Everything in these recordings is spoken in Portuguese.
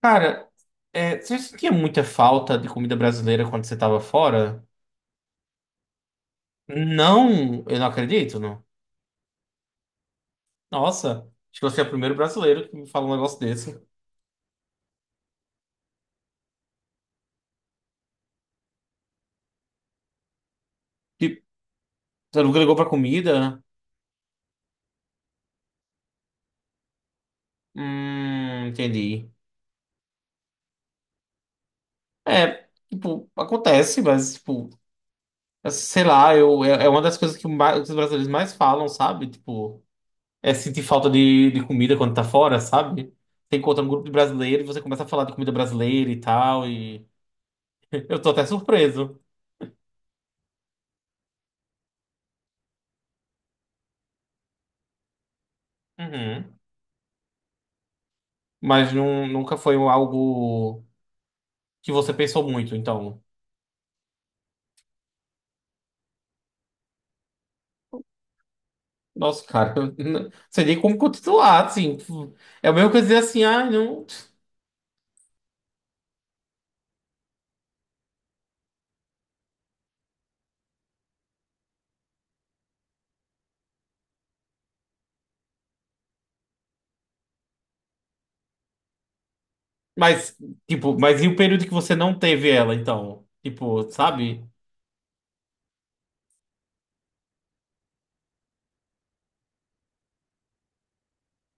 Cara, você sentia muita falta de comida brasileira quando você tava fora? Não, eu não acredito, não. Nossa, acho que você é o primeiro brasileiro que me fala um negócio desse. Tipo, você nunca ligou pra comida? Entendi. É, tipo, acontece, mas, tipo, sei lá, é uma das coisas que os brasileiros mais falam, sabe? Tipo, é sentir falta de comida quando tá fora, sabe? Você encontra um grupo de brasileiros e você começa a falar de comida brasileira e tal, e eu tô até surpreso. Uhum. Mas nunca foi um algo que você pensou muito, então. Nossa, cara, eu não sei nem como continuar, assim. Tipo, é a mesma coisa dizer assim, ah, não. Mas, tipo, e o período que você não teve ela, então? Tipo, sabe?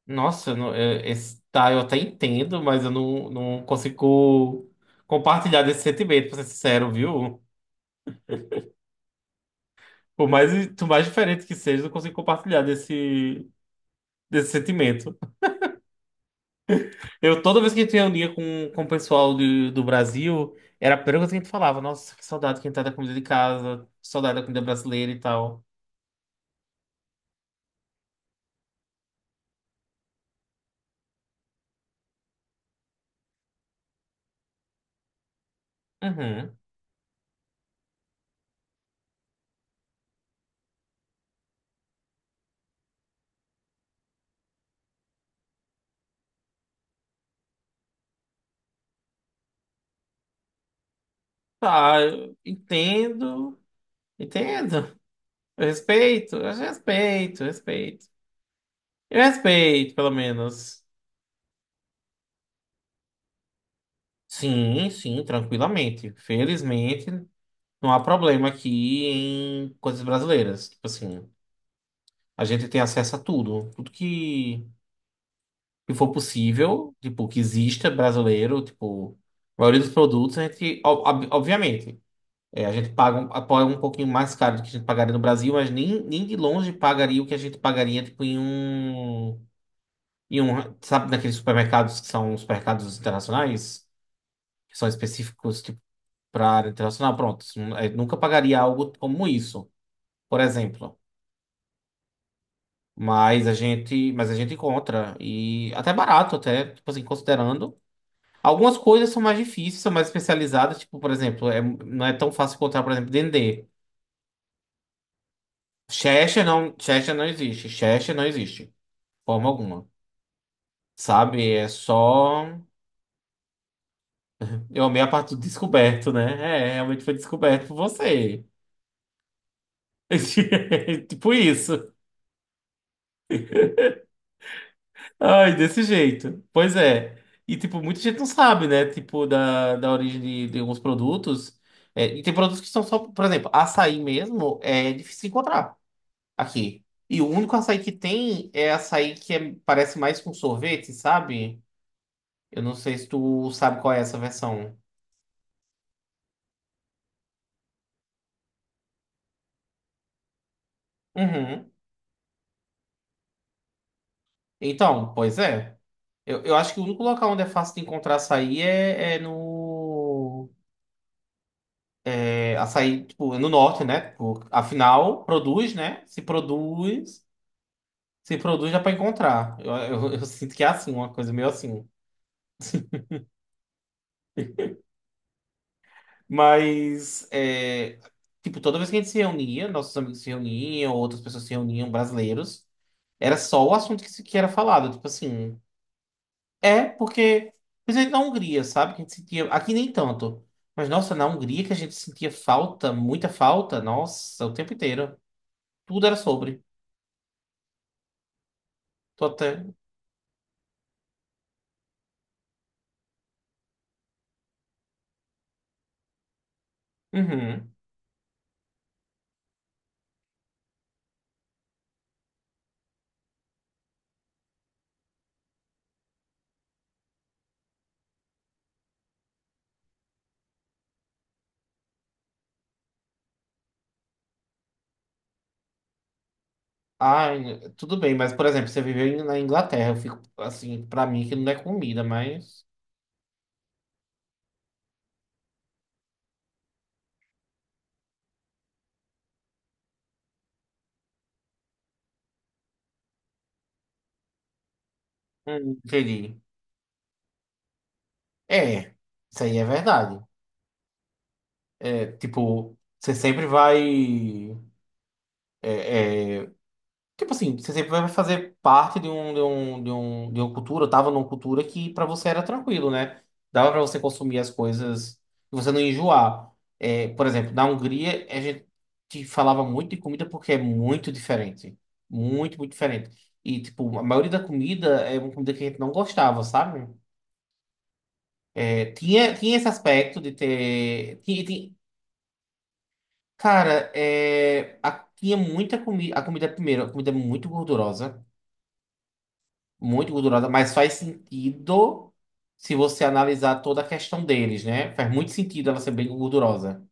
Nossa, esse, tá, eu até entendo, mas eu não consigo compartilhar desse sentimento, pra ser sincero, viu? Por mais, por mais diferente que seja, eu não consigo compartilhar desse sentimento. Eu, toda vez que a gente reunia com o pessoal do Brasil, era a primeira coisa que a gente falava. Nossa, que saudade que a gente tá da comida de casa, que saudade da comida brasileira e tal. Uhum. Tá, eu entendo, entendo. Eu respeito, eu respeito. Eu respeito, pelo menos. Sim, sim, tranquilamente. Felizmente, não há problema aqui em coisas brasileiras. Tipo assim, a gente tem acesso a tudo. Tudo que for possível, tipo, que exista brasileiro, tipo, a maioria dos produtos, a gente, obviamente, é, a gente paga um pouquinho mais caro do que a gente pagaria no Brasil, mas nem de longe pagaria o que a gente pagaria, tipo, em um, sabe, naqueles supermercados que são os supermercados internacionais, que são específicos, tipo, para área internacional, pronto, isso nunca pagaria algo como isso, por exemplo. Mas a gente encontra e até barato até, tipo assim, considerando. Algumas coisas são mais difíceis, são mais especializadas, tipo, por exemplo, não é tão fácil encontrar, por exemplo, dendê. Chester não, Chester não existe, de forma alguma. Sabe, é só. Eu amei a parte do descoberto, né? É, realmente foi descoberto por você. Tipo isso. Ai, desse jeito. Pois é. E, tipo, muita gente não sabe, né? Tipo, da origem de alguns produtos. É, e tem produtos que são só, por exemplo, açaí mesmo, é difícil encontrar aqui. E o único açaí que tem é açaí que parece mais com sorvete, sabe? Eu não sei se tu sabe qual é essa versão. Uhum. Então, pois é. Eu acho que o único local onde é fácil de encontrar açaí é no. É açaí, tipo, é no norte, né? Tipo, afinal, produz, né? Se produz, se produz dá pra encontrar. Eu sinto que é assim, uma coisa meio assim. Mas, é, tipo, toda vez que a gente se reunia, nossos amigos se reuniam, outras pessoas se reuniam, brasileiros. Era só o assunto que, se- que era falado. Tipo assim, é porque, principalmente na Hungria, sabe? Que a gente sentia, aqui nem tanto. Mas, nossa, na Hungria que a gente sentia falta, muita falta, nossa, o tempo inteiro. Tudo era sobre. Tô até. Uhum. Ai, tudo bem, mas, por exemplo, você viveu na Inglaterra, eu fico assim, pra mim que não é comida, mas. Entendi. É, isso aí é verdade. É, tipo, você sempre vai. É, é, Tipo assim, você sempre vai fazer parte de um, de uma cultura, eu tava numa cultura que pra você era tranquilo, né? Dava pra você consumir as coisas e você não enjoar. É, por exemplo, na Hungria, a gente falava muito de comida porque é muito diferente. Muito, muito diferente. E, tipo, a maioria da comida é uma comida que a gente não gostava, sabe? Tinha esse aspecto de ter. Cara, tinha muita comida. A comida, primeiro, a comida é muito gordurosa. Muito gordurosa, mas faz sentido se você analisar toda a questão deles, né? Faz muito sentido ela ser bem gordurosa.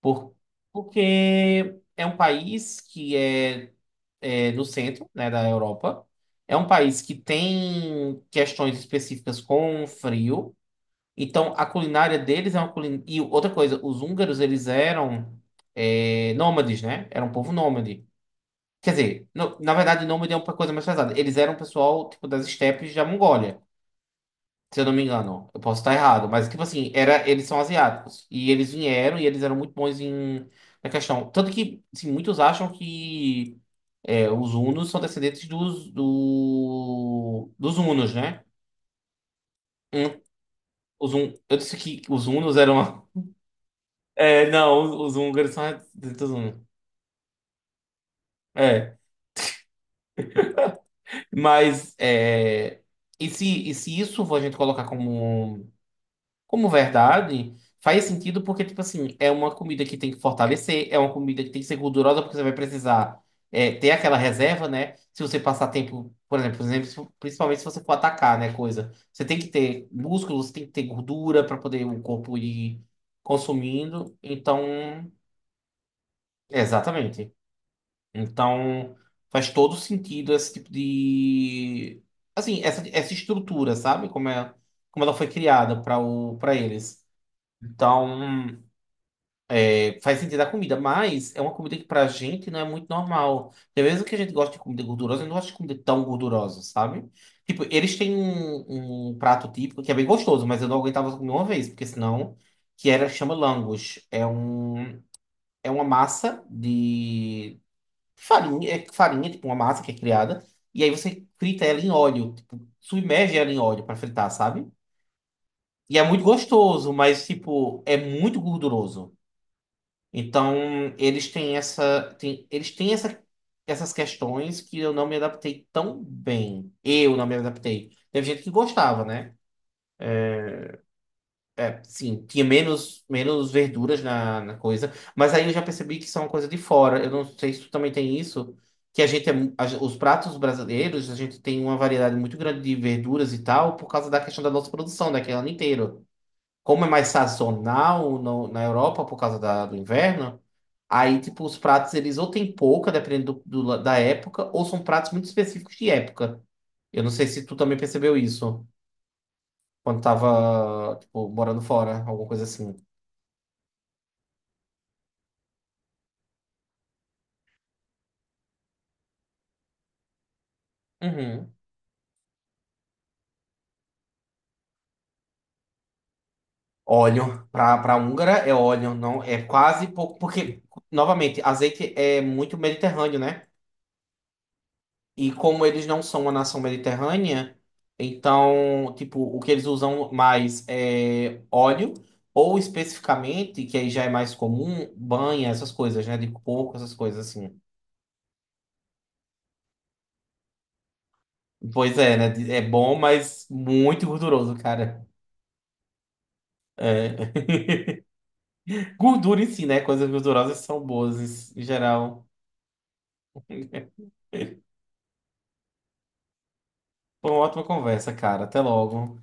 Por, porque é um país que é no centro, né, da Europa. É um país que tem questões específicas com frio. Então, a culinária deles é uma culinária... E outra coisa, os húngaros, eles eram nômades, né? Era um povo nômade. Quer dizer, na verdade, nômade é uma coisa mais pesada. Eles eram um pessoal, tipo, das estepes da Mongólia. Se eu não me engano, eu posso estar errado, mas tipo assim, era, eles são asiáticos e eles vieram e eles eram muito bons em na questão, tanto que assim, muitos acham que os hunos são descendentes dos hunos, né? Hum, os hun, eu disse que os hunos eram não, os húngaros são descendentes dos hunos. É, mas é, e se isso for a gente colocar como. Como verdade, faz sentido porque, tipo assim, é uma comida que tem que fortalecer, é uma comida que tem que ser gordurosa porque você vai precisar ter aquela reserva, né? Se você passar tempo, por exemplo, principalmente se você for atacar, né, coisa. Você tem que ter músculos, tem que ter gordura para poder o corpo ir consumindo. Então, exatamente. Então, faz todo sentido esse tipo de... Assim, essa estrutura, sabe? Como é, como ela foi criada para para eles. Então, faz sentido a comida, mas é uma comida que pra gente não é muito normal. Porque mesmo que a gente goste de comida gordurosa, eu não gosto de comida tão gordurosa, sabe? Tipo, eles têm um prato típico que é bem gostoso, mas eu não aguentava comer uma vez, porque senão, que era, chama langos. É uma massa de farinha, é farinha, tipo uma massa que é criada, e aí você frita ela em óleo, tipo, submerge ela em óleo pra fritar, sabe? E é muito gostoso, mas, tipo, é muito gorduroso. Então, eles têm eles têm essas questões que eu não me adaptei tão bem. Eu não me adaptei. Teve gente que gostava, né? É, sim, tinha menos verduras na coisa, mas aí eu já percebi que são uma coisa de fora. Eu não sei se tu também tem isso, que a gente é, os pratos brasileiros, a gente tem uma variedade muito grande de verduras e tal, por causa da questão da nossa produção, daquele ano inteiro como é mais sazonal na Europa por causa do inverno, aí, tipo, os pratos, eles ou tem pouca, dependendo da época, ou são pratos muito específicos de época. Eu não sei se tu também percebeu isso quando tava, tipo, morando fora, alguma coisa assim. Uhum. Óleo, pra húngara é óleo, não é quase pouco, porque, novamente, azeite é muito mediterrâneo, né? E como eles não são uma nação mediterrânea, então, tipo, o que eles usam mais é óleo, ou especificamente, que aí já é mais comum, banha, essas coisas, né? De porco, essas coisas assim. Pois é, né? É bom, mas muito gorduroso, cara. É. Gordura em si, né? Coisas gordurosas são boas em geral. Foi uma ótima conversa, cara. Até logo.